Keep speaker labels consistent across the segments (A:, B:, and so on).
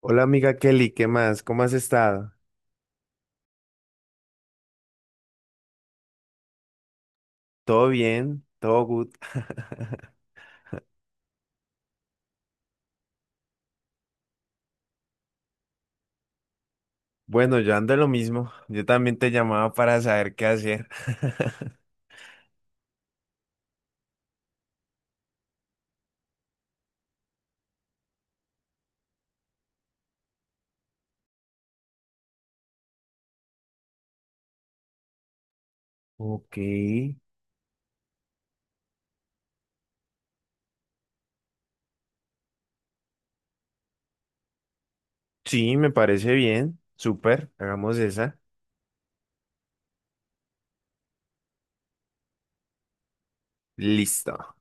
A: Hola amiga Kelly, ¿qué más? ¿Cómo has estado? ¿Todo bien? ¿Todo good? Bueno, yo ando en lo mismo. Yo también te llamaba para saber qué hacer. Ok. Sí, me parece bien. Súper. Hagamos esa. Listo.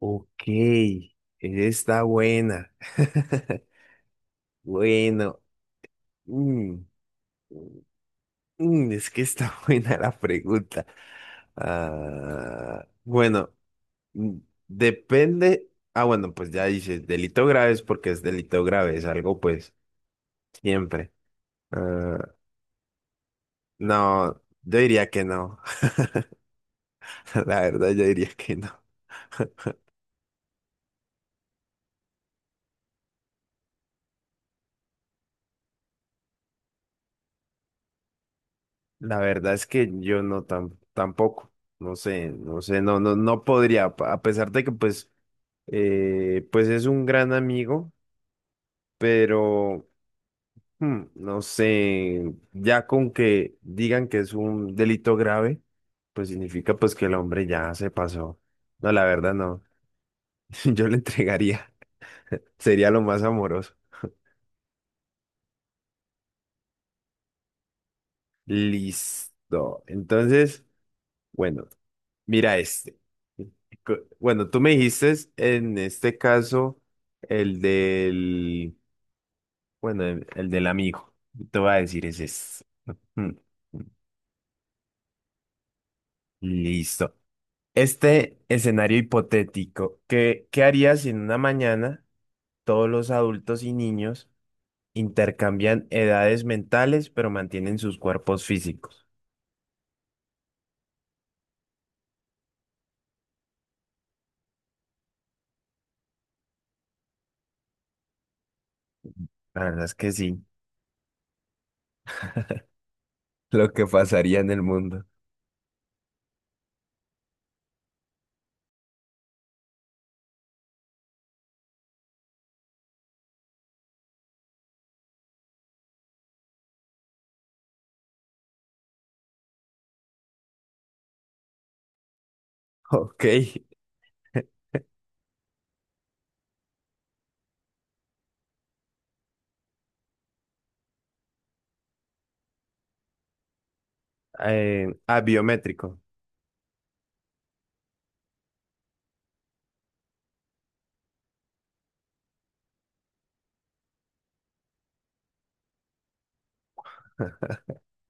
A: Ok. Esa está buena. Bueno. mm, es que está buena la pregunta. Ah, bueno. Mm, Depende. Ah, bueno, pues ya dices, delito grave es porque es delito grave, es algo pues siempre. Ah, no, yo diría que no. La verdad, yo diría que no. La verdad es que yo no tampoco. No sé, no sé, no, no, no podría, a pesar de que pues, pues es un gran amigo, pero No sé, ya con que digan que es un delito grave, pues significa pues que el hombre ya se pasó. No, la verdad no. Yo le entregaría. Sería lo más amoroso. Listo. Entonces, bueno, mira este. Bueno, tú me dijiste en este caso el del, bueno, el del amigo. Te voy a decir es este. Hmm. Listo. Este escenario hipotético, ¿qué harías si en una mañana todos los adultos y niños intercambian edades mentales pero mantienen sus cuerpos físicos? La verdad es que sí, lo que pasaría en el mundo. Ok, ah, biométrico.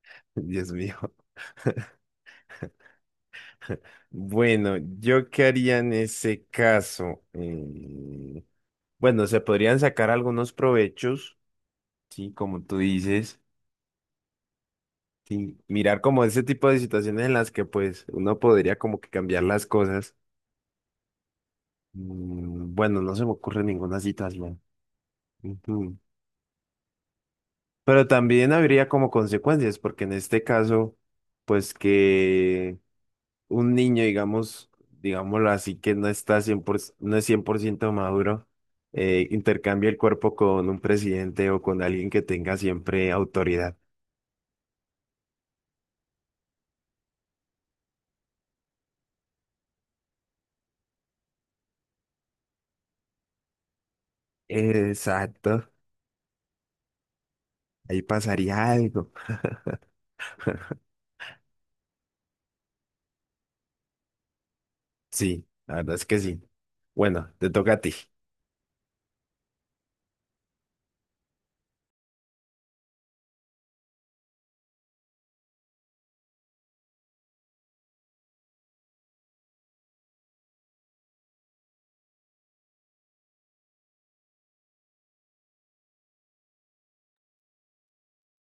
A: Dios mío. Bueno, ¿yo qué haría en ese caso? Bueno, se podrían sacar algunos provechos, sí, como tú dices. Sí, mirar como ese tipo de situaciones en las que pues uno podría como que cambiar las cosas. Bueno, no se me ocurre ninguna situación. Ujú. Pero también habría como consecuencias, porque en este caso, pues que un niño, digamos, digámoslo así, que no está 100%, no es 100% maduro, intercambie el cuerpo con un presidente o con alguien que tenga siempre autoridad. Exacto, ahí pasaría algo. Sí, la verdad es que sí. Bueno, te toca a ti.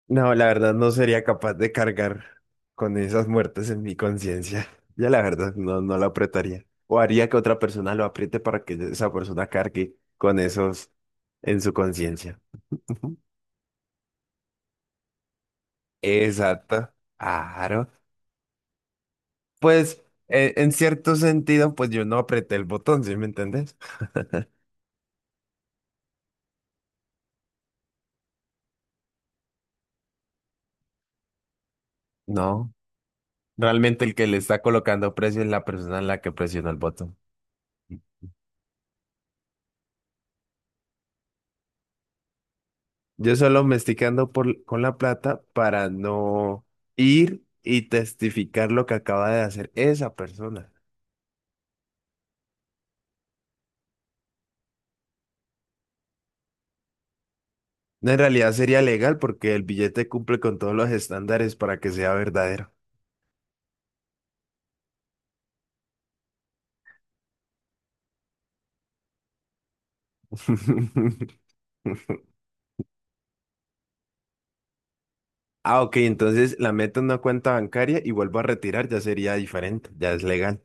A: No, la verdad no sería capaz de cargar con esas muertes en mi conciencia. Ya la verdad no, no lo apretaría. O haría que otra persona lo apriete para que esa persona cargue con esos en su conciencia. Ujú. Exacto. Claro. Pues en cierto sentido, pues yo no apreté el botón, ¿sí me entendés? No. Realmente el que le está colocando precio es la persona en la que presionó el botón. Yo solo me estoy quedando con la plata para no ir y testificar lo que acaba de hacer esa persona. No, en realidad sería legal porque el billete cumple con todos los estándares para que sea verdadero. Ah, ok, entonces la meto en una cuenta bancaria y vuelvo a retirar, ya sería diferente, ya es legal.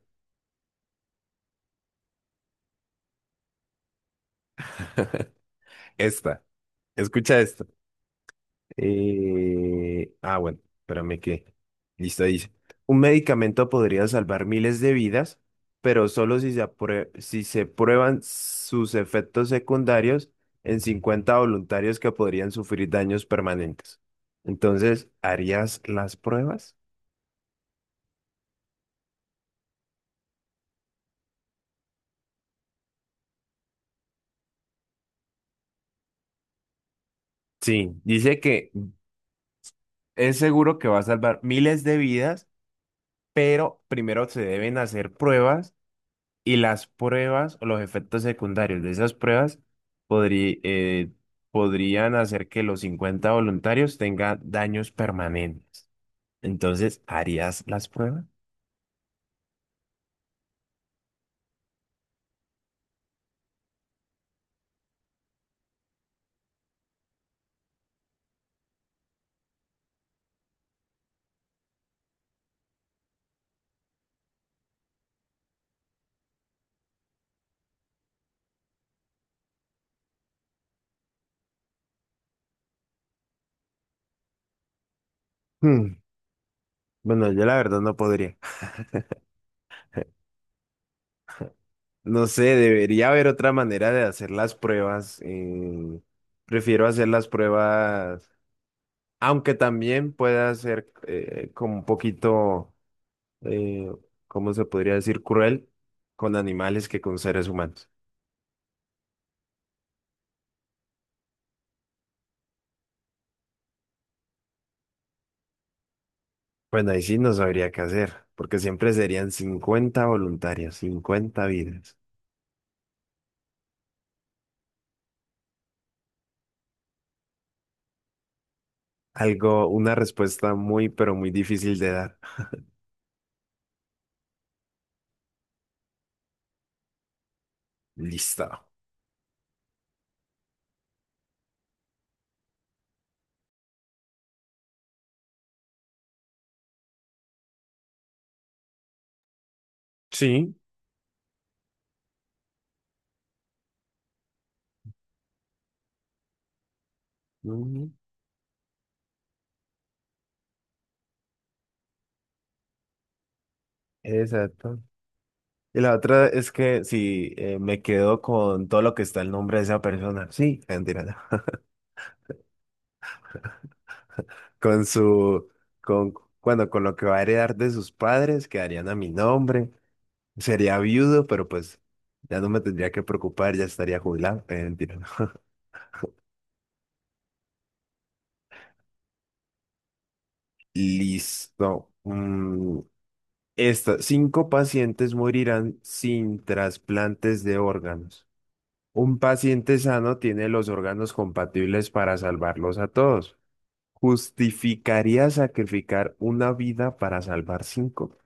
A: Esta, escucha esta. Ah, bueno, espérame que. Listo, dice. Un medicamento podría salvar miles de vidas, pero solo si se prueban sus efectos secundarios en 50 voluntarios que podrían sufrir daños permanentes. Entonces, ¿harías las pruebas? Sí, dice que es seguro que va a salvar miles de vidas, pero primero se deben hacer pruebas. Y las pruebas o los efectos secundarios de esas pruebas podrí- eh, podrían hacer que los 50 voluntarios tengan daños permanentes. Entonces, ¿harías las pruebas? Hmm, Bueno, yo la verdad no podría. No sé, debería haber otra manera de hacer las pruebas. Prefiero hacer las pruebas, aunque también pueda ser como un poquito, eh, ¿cómo se podría decir? Cruel con animales que con seres humanos. Bueno, ahí sí no sabría qué hacer, porque siempre serían 50 voluntarios, 50 vidas. Algo, una respuesta muy, pero muy difícil de dar. Listo. Sí. Ujú, exacto. Y la otra es que si me quedo con todo lo que está el nombre de esa persona. Sí, mentira, no. Con su, con, bueno, con lo que va a heredar de sus padres, quedarían a mi nombre. Sería viudo, pero pues ya no me tendría que preocupar, ya estaría jubilado. Mentira. No. Listo. Esta. Cinco pacientes morirán sin trasplantes de órganos. Un paciente sano tiene los órganos compatibles para salvarlos a todos. ¿Justificaría sacrificar una vida para salvar cinco?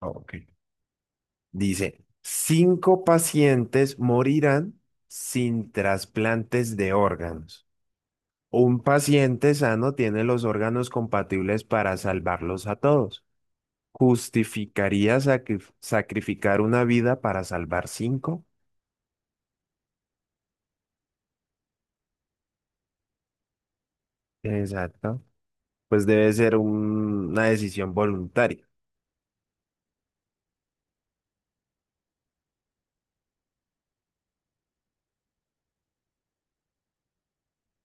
A: Ah, ok. Dice, cinco pacientes morirán sin trasplantes de órganos. Un paciente sano tiene los órganos compatibles para salvarlos a todos. ¿Justificaría sacrificar una vida para salvar cinco? Exacto. Pues debe ser una decisión voluntaria.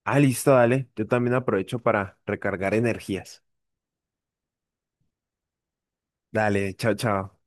A: Ah, listo, dale. Yo también aprovecho para recargar energías. Dale, chao, chao.